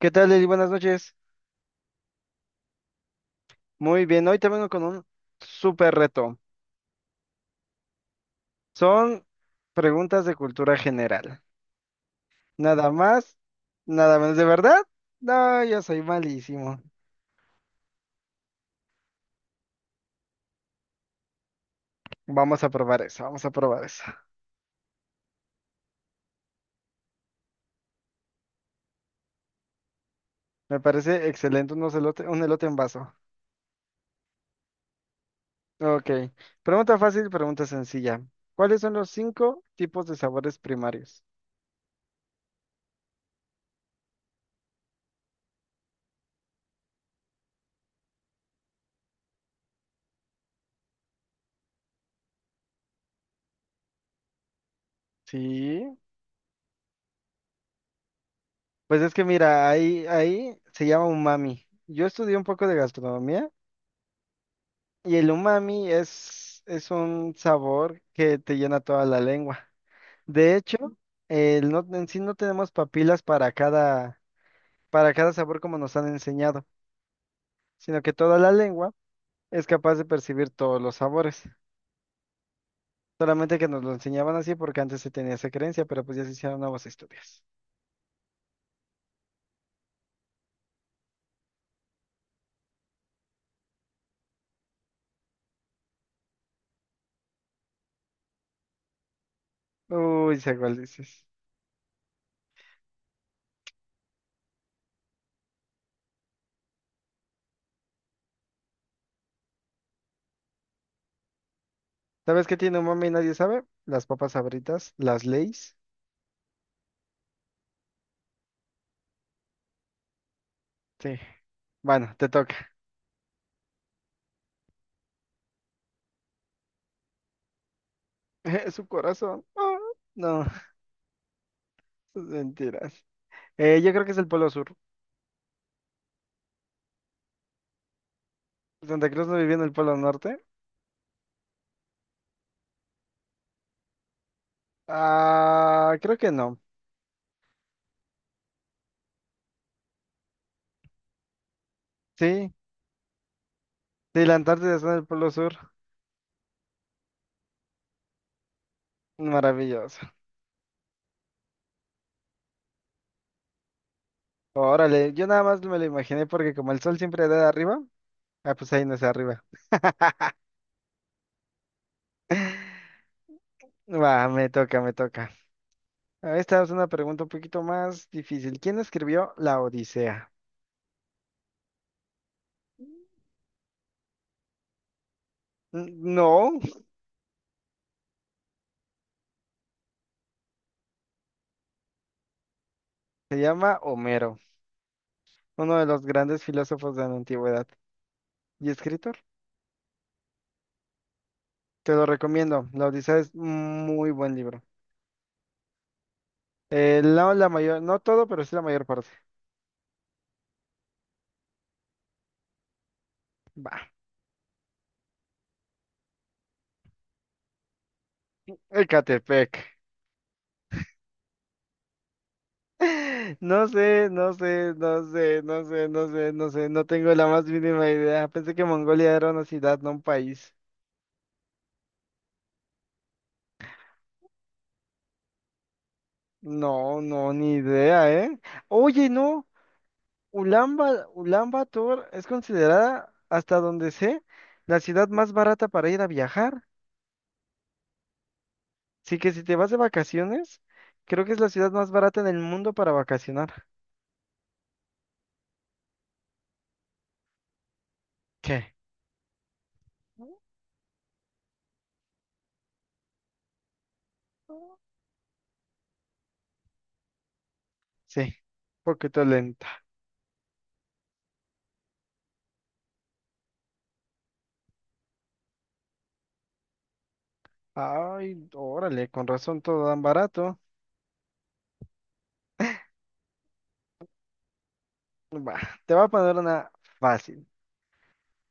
¿Qué tal, Lili? Buenas noches. Muy bien, hoy te vengo con un súper reto. Son preguntas de cultura general. Nada más, nada menos. ¿De verdad? No, yo soy malísimo. Vamos a probar eso, vamos a probar eso. Me parece excelente unos un elote en vaso. Ok, pregunta fácil, pregunta sencilla. ¿Cuáles son los cinco tipos de sabores primarios? Sí, pues es que mira, ahí se llama umami. Yo estudié un poco de gastronomía. Y el umami es un sabor que te llena toda la lengua. De hecho, el no, en sí no tenemos papilas para cada sabor como nos han enseñado, sino que toda la lengua es capaz de percibir todos los sabores. Solamente que nos lo enseñaban así porque antes se tenía esa creencia, pero pues ya se hicieron nuevos estudios. Uy, sé cuál dices. ¿Sabes qué tiene umami y nadie sabe? Las papas sabritas, las Lay's. Sí. Bueno, te toca. Su corazón. Ah, no, sus mentiras. Yo creo que es el Polo Sur. Santa Cruz no vivía en el Polo Norte. Ah, creo que no. Sí, sí, la Antártida está en el Polo Sur. Maravilloso. Órale, yo nada más me lo imaginé porque como el sol siempre da de arriba, ah, pues ahí no es arriba. Va, me toca, me toca. Ah, esta es una pregunta un poquito más difícil. ¿Quién escribió La Odisea? No, se llama Homero, uno de los grandes filósofos de la antigüedad y escritor. Te lo recomiendo. La Odisea es muy buen libro. No la mayor, no todo, pero sí la mayor parte. Va, Ecatepec. No sé, no sé, no sé, no sé, no sé, no sé, no tengo la más mínima idea. Pensé que Mongolia era una ciudad, no un país. No, no, ni idea, ¿eh? Oye, no, Ulan Bator es considerada, hasta donde sé, la ciudad más barata para ir a viajar. Así que si te vas de vacaciones, creo que es la ciudad más barata en el mundo para vacacionar. ¿Qué? Sí, poquito lenta. Ay, órale, con razón todo tan barato. Va, te voy a poner una fácil.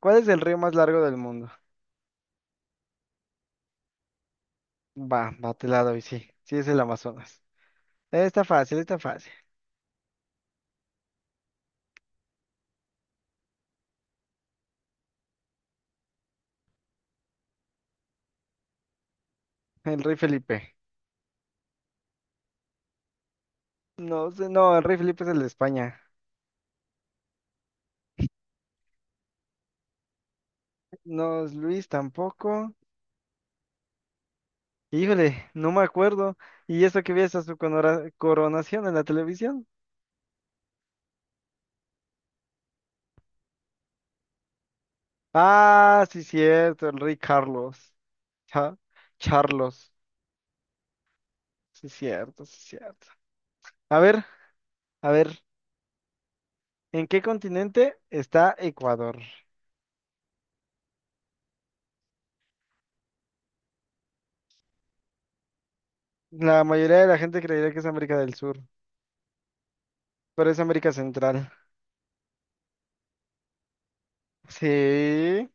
¿Cuál es el río más largo del mundo? Va, va, te la doy, sí. Sí, es el Amazonas. Está fácil, está fácil. El rey Felipe. No sé, no, el rey Felipe es el de España. No es Luis tampoco. Híjole, no me acuerdo. ¿Y eso que vi esa su coronación en la televisión? Ah, sí, cierto, el rey Carlos. Cha- Charlos. Sí, cierto, sí, cierto. A ver, a ver, ¿en qué continente está Ecuador? La mayoría de la gente creería que es América del Sur, pero es América Central. Sí,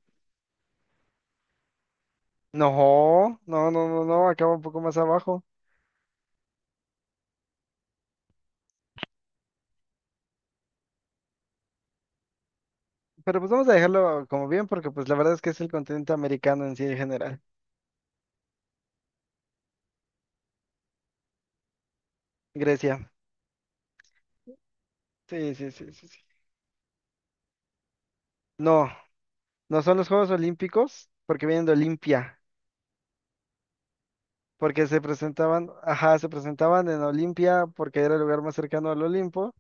no, no, no, no, no, acaba un poco más abajo. Pero pues vamos a dejarlo como bien porque pues la verdad es que es el continente americano en sí en general. Grecia. Sí, sí, sí, sí, sí. No, no son los Juegos Olímpicos porque vienen de Olimpia, porque se presentaban, ajá, se presentaban en Olimpia porque era el lugar más cercano al Olimpo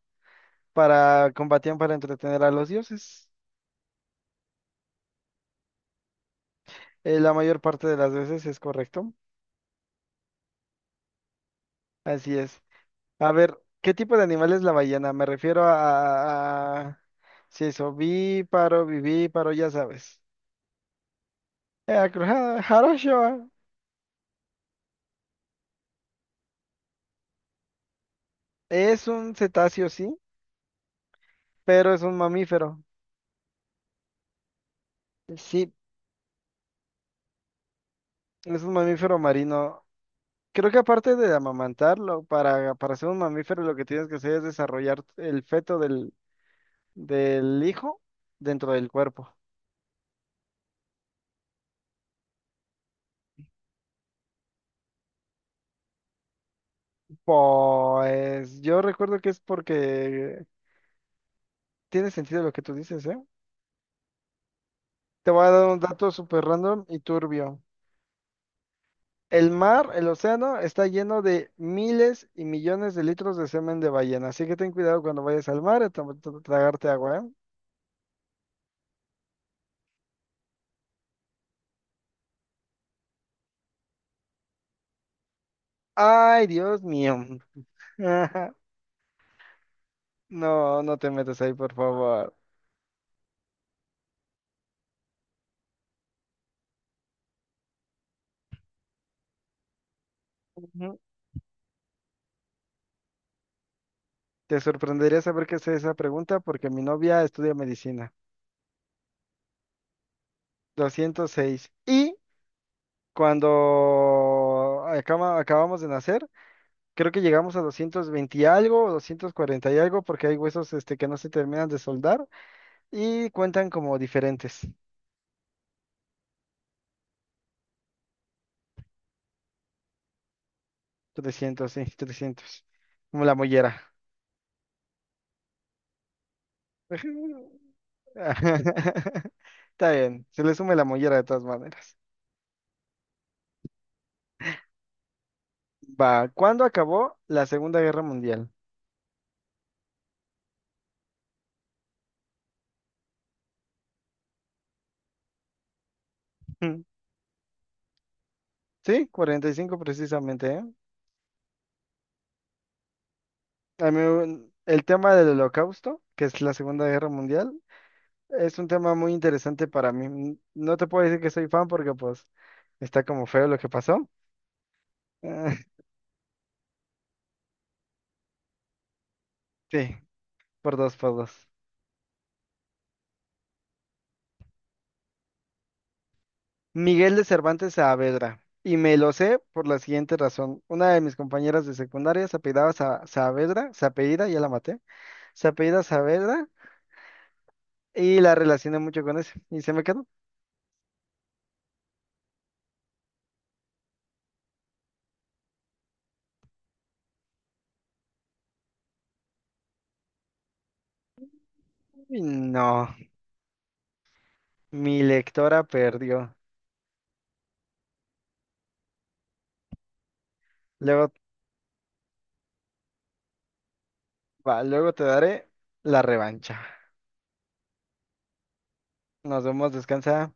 para combatían para entretener a los dioses. La mayor parte de las veces es correcto. Así es. A ver, ¿qué tipo de animal es la ballena? Me refiero a si es ovíparo, vivíparo, ya sabes. Acrujado, jarocho, es un cetáceo, sí, pero es un mamífero. Sí, es un mamífero marino. Creo que aparte de amamantarlo, para ser un mamífero lo que tienes que hacer es desarrollar el feto del hijo dentro del cuerpo. Pues yo recuerdo que es porque tiene sentido lo que tú dices, ¿eh? Te voy a dar un dato súper random y turbio. El mar, el océano, está lleno de miles y millones de litros de semen de ballena, así que ten cuidado cuando vayas al mar a tragarte agua, ¿eh? Ay, Dios mío. No, no te metas ahí, por favor. Ujú. Te sorprendería saber qué es esa pregunta porque mi novia estudia medicina. 206. Y cuando acabamos de nacer, creo que llegamos a 220 y algo, 240 y algo, porque hay huesos este, que no se terminan de soldar y cuentan como diferentes. 300, sí, 300. Como la mollera. Ujú. Está bien, se le sume la mollera de todas maneras. Va, ¿cuándo acabó la Segunda Guerra Mundial? Mm. Sí, 45 precisamente, ¿eh? A mí, el tema del Holocausto, que es la Segunda Guerra Mundial, es un tema muy interesante para mí. No te puedo decir que soy fan porque pues está como feo lo que pasó. Ah, sí, por dos, por dos. Miguel de Cervantes Saavedra. Y me lo sé por la siguiente razón. Una de mis compañeras de secundaria se apellidaba Saavedra, se apellida, ya la maté, se apellida Saavedra y la relacioné mucho con eso. Y se me quedó. Y no, mi lectora perdió. Luego, va, luego te daré la revancha. Nos vemos, descansa.